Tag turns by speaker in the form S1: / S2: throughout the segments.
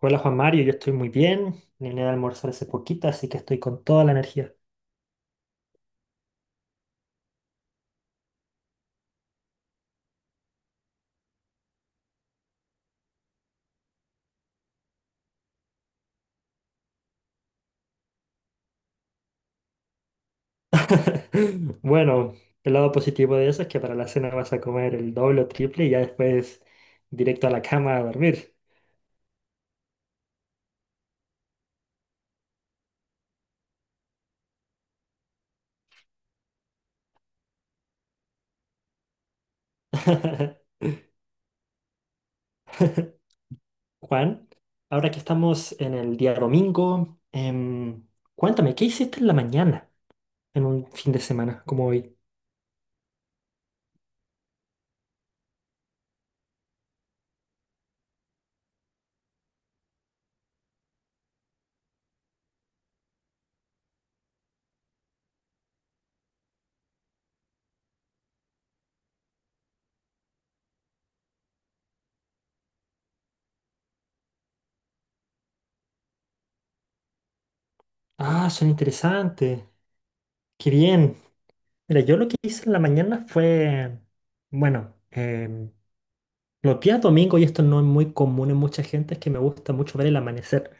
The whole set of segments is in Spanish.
S1: Hola Juan Mario, yo estoy muy bien. Vine a almorzar hace poquito, así que estoy con toda la energía. Bueno, el lado positivo de eso es que para la cena vas a comer el doble o triple y ya después directo a la cama a dormir. Juan, ahora que estamos en el día domingo, cuéntame, ¿qué hiciste en la mañana en un fin de semana como hoy? Ah, suena interesante. Qué bien. Mira, yo lo que hice en la mañana fue, bueno, los días domingos, y esto no es muy común en mucha gente, es que me gusta mucho ver el amanecer.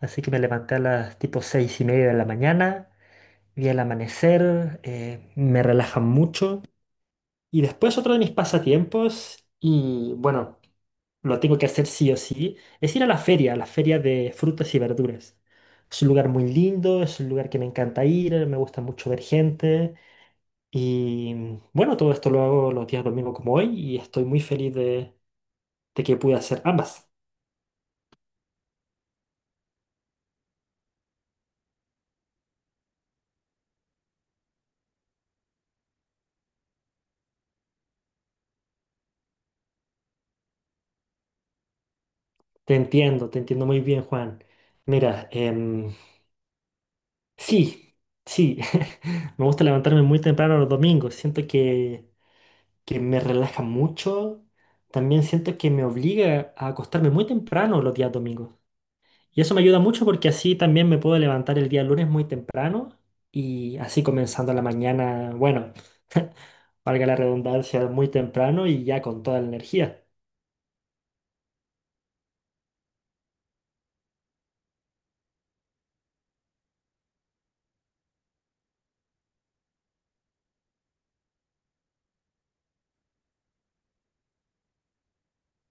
S1: Así que me levanté a las tipo seis y media de la mañana, vi el amanecer, me relaja mucho. Y después otro de mis pasatiempos, y bueno, lo tengo que hacer sí o sí, es ir a la feria de frutas y verduras. Es un lugar muy lindo, es un lugar que me encanta ir, me gusta mucho ver gente. Y bueno, todo esto lo hago los días domingos como hoy y estoy muy feliz de que pude hacer ambas. Te entiendo muy bien, Juan. Mira, sí, sí, me gusta levantarme muy temprano los domingos. Que me relaja mucho. También siento que me obliga a acostarme muy temprano los días domingos. Y eso me ayuda mucho porque así también me puedo levantar el día lunes muy temprano y así comenzando la mañana, bueno, valga la redundancia, muy temprano y ya con toda la energía.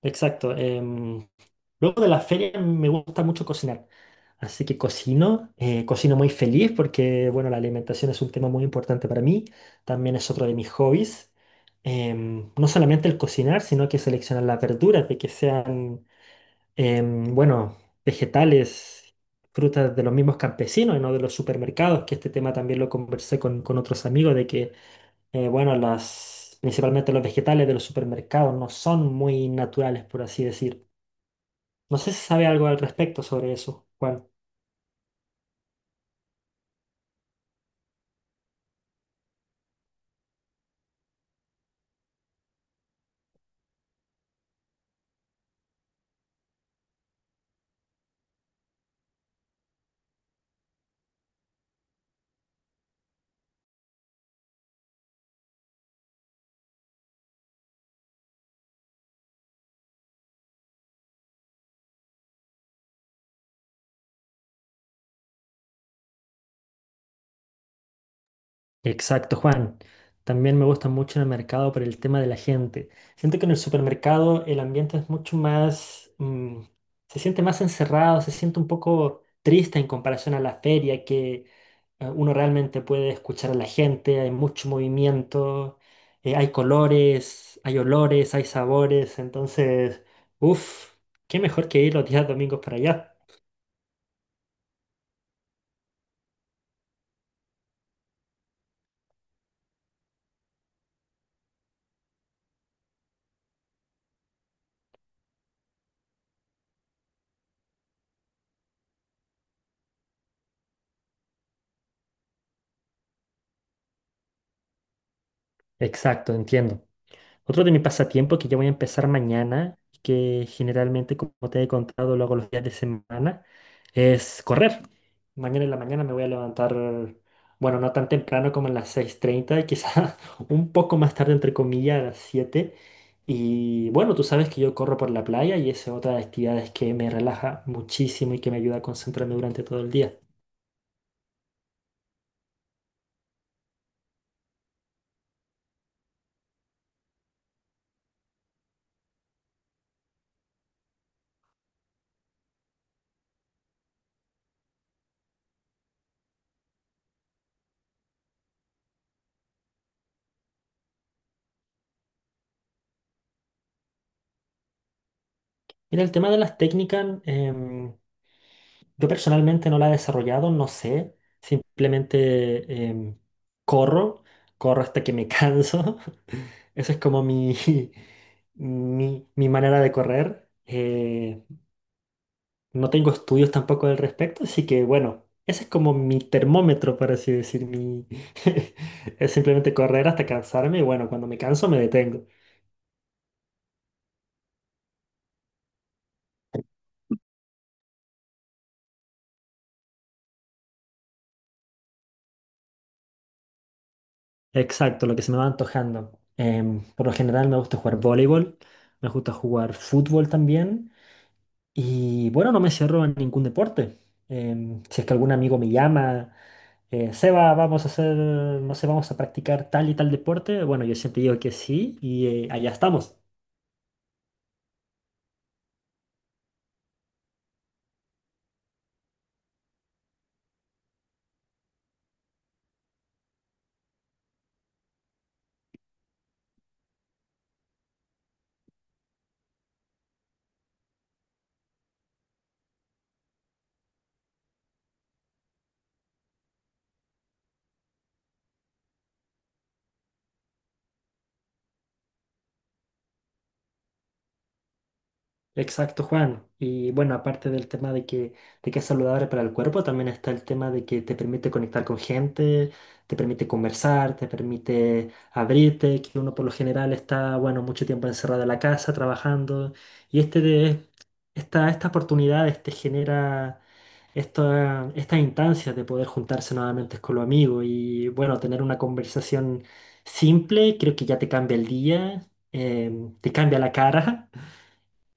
S1: Exacto. Luego de las ferias me gusta mucho cocinar. Así que cocino, cocino muy feliz porque, bueno, la alimentación es un tema muy importante para mí. También es otro de mis hobbies. No solamente el cocinar, sino que seleccionar las verduras, de que sean, bueno, vegetales, frutas de los mismos campesinos y no de los supermercados, que este tema también lo conversé con otros amigos, de que bueno, principalmente los vegetales de los supermercados no son muy naturales, por así decir. No sé si sabe algo al respecto sobre eso, Juan. Exacto, Juan. También me gusta mucho en el mercado por el tema de la gente. Siento que en el supermercado el ambiente es mucho más, se siente más encerrado, se siente un poco triste en comparación a la feria, que uno realmente puede escuchar a la gente, hay mucho movimiento, hay colores, hay olores, hay sabores. Entonces, uff, qué mejor que ir los días domingos para allá. Exacto, entiendo. Otro de mis pasatiempos que ya voy a empezar mañana, que generalmente, como te he contado, lo hago los días de semana, es correr. Mañana en la mañana me voy a levantar, bueno, no tan temprano como a las 6:30, quizás un poco más tarde, entre comillas, a las siete. Y bueno, tú sabes que yo corro por la playa y esa es otra de las actividades que me relaja muchísimo y que me ayuda a concentrarme durante todo el día. Mira, el tema de las técnicas, yo personalmente no la he desarrollado, no sé. Simplemente corro, corro hasta que me canso. Esa es como mi, mi manera de correr. No tengo estudios tampoco al respecto, así que bueno, ese es como mi termómetro, por así decir. Mi... es simplemente correr hasta cansarme y bueno, cuando me canso me detengo. Exacto, lo que se me va antojando. Por lo general me gusta jugar voleibol, me gusta jugar fútbol también. Y bueno, no me cierro en ningún deporte. Si es que algún amigo me llama, Seba, vamos a hacer, no sé, vamos a practicar tal y tal deporte. Bueno, yo siempre digo que sí y allá estamos. Exacto, Juan. Y bueno, aparte del tema de que es saludable para el cuerpo, también está el tema de que te permite conectar con gente, te permite conversar, te permite abrirte, que uno por lo general está, bueno, mucho tiempo encerrado en la casa trabajando. Y estas oportunidades te genera estas instancias de poder juntarse nuevamente con los amigos y bueno, tener una conversación simple, creo que ya te cambia el día, te cambia la cara.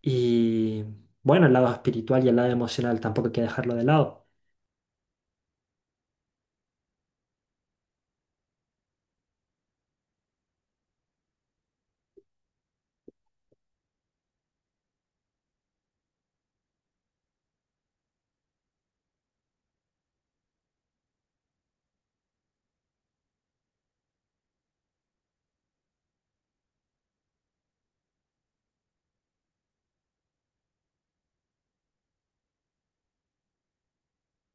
S1: Y bueno, el lado espiritual y el lado emocional tampoco hay que dejarlo de lado.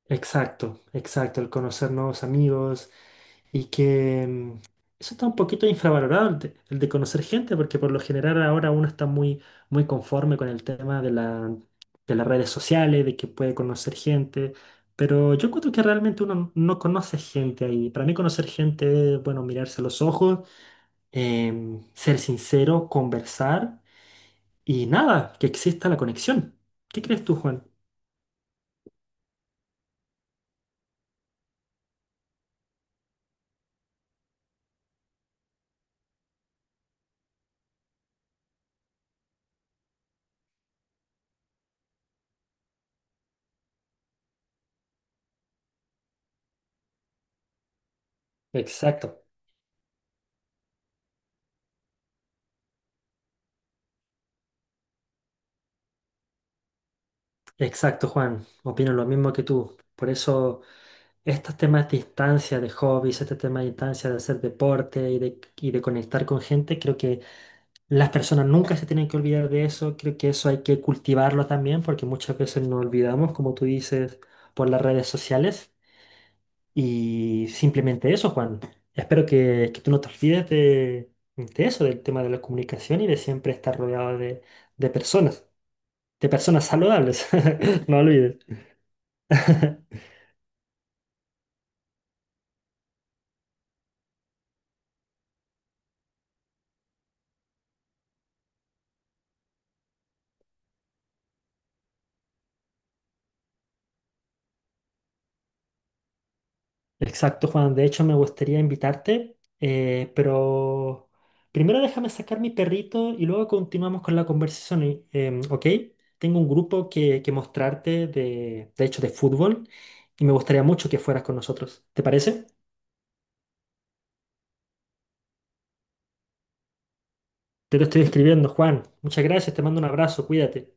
S1: Exacto, exacto, el conocer nuevos amigos y que eso está un poquito infravalorado, el de conocer gente, porque por lo general ahora uno está muy, muy conforme con el tema de las redes sociales, de que puede conocer gente, pero yo encuentro que realmente uno no conoce gente ahí. Para mí conocer gente es, bueno, mirarse a los ojos, ser sincero, conversar. Y nada, que exista la conexión. ¿Qué crees tú, Juan? Exacto, exacto, Juan. Opino lo mismo que tú. Por eso estos temas de distancia, de hobbies, este tema de distancia, de hacer deporte y de conectar con gente, creo que las personas nunca se tienen que olvidar de eso. Creo que eso hay que cultivarlo también porque muchas veces nos olvidamos, como tú dices, por las redes sociales. Y simplemente eso, Juan. Espero que tú no te olvides de eso, del tema de la comunicación y de siempre estar rodeado de personas, de personas saludables. No olvides. Exacto, Juan. De hecho, me gustaría invitarte, pero primero déjame sacar mi perrito y luego continuamos con la conversación, ¿ok? Tengo un grupo que mostrarte, de hecho, de fútbol y me gustaría mucho que fueras con nosotros. ¿Te parece? Te lo estoy escribiendo, Juan. Muchas gracias, te mando un abrazo, cuídate.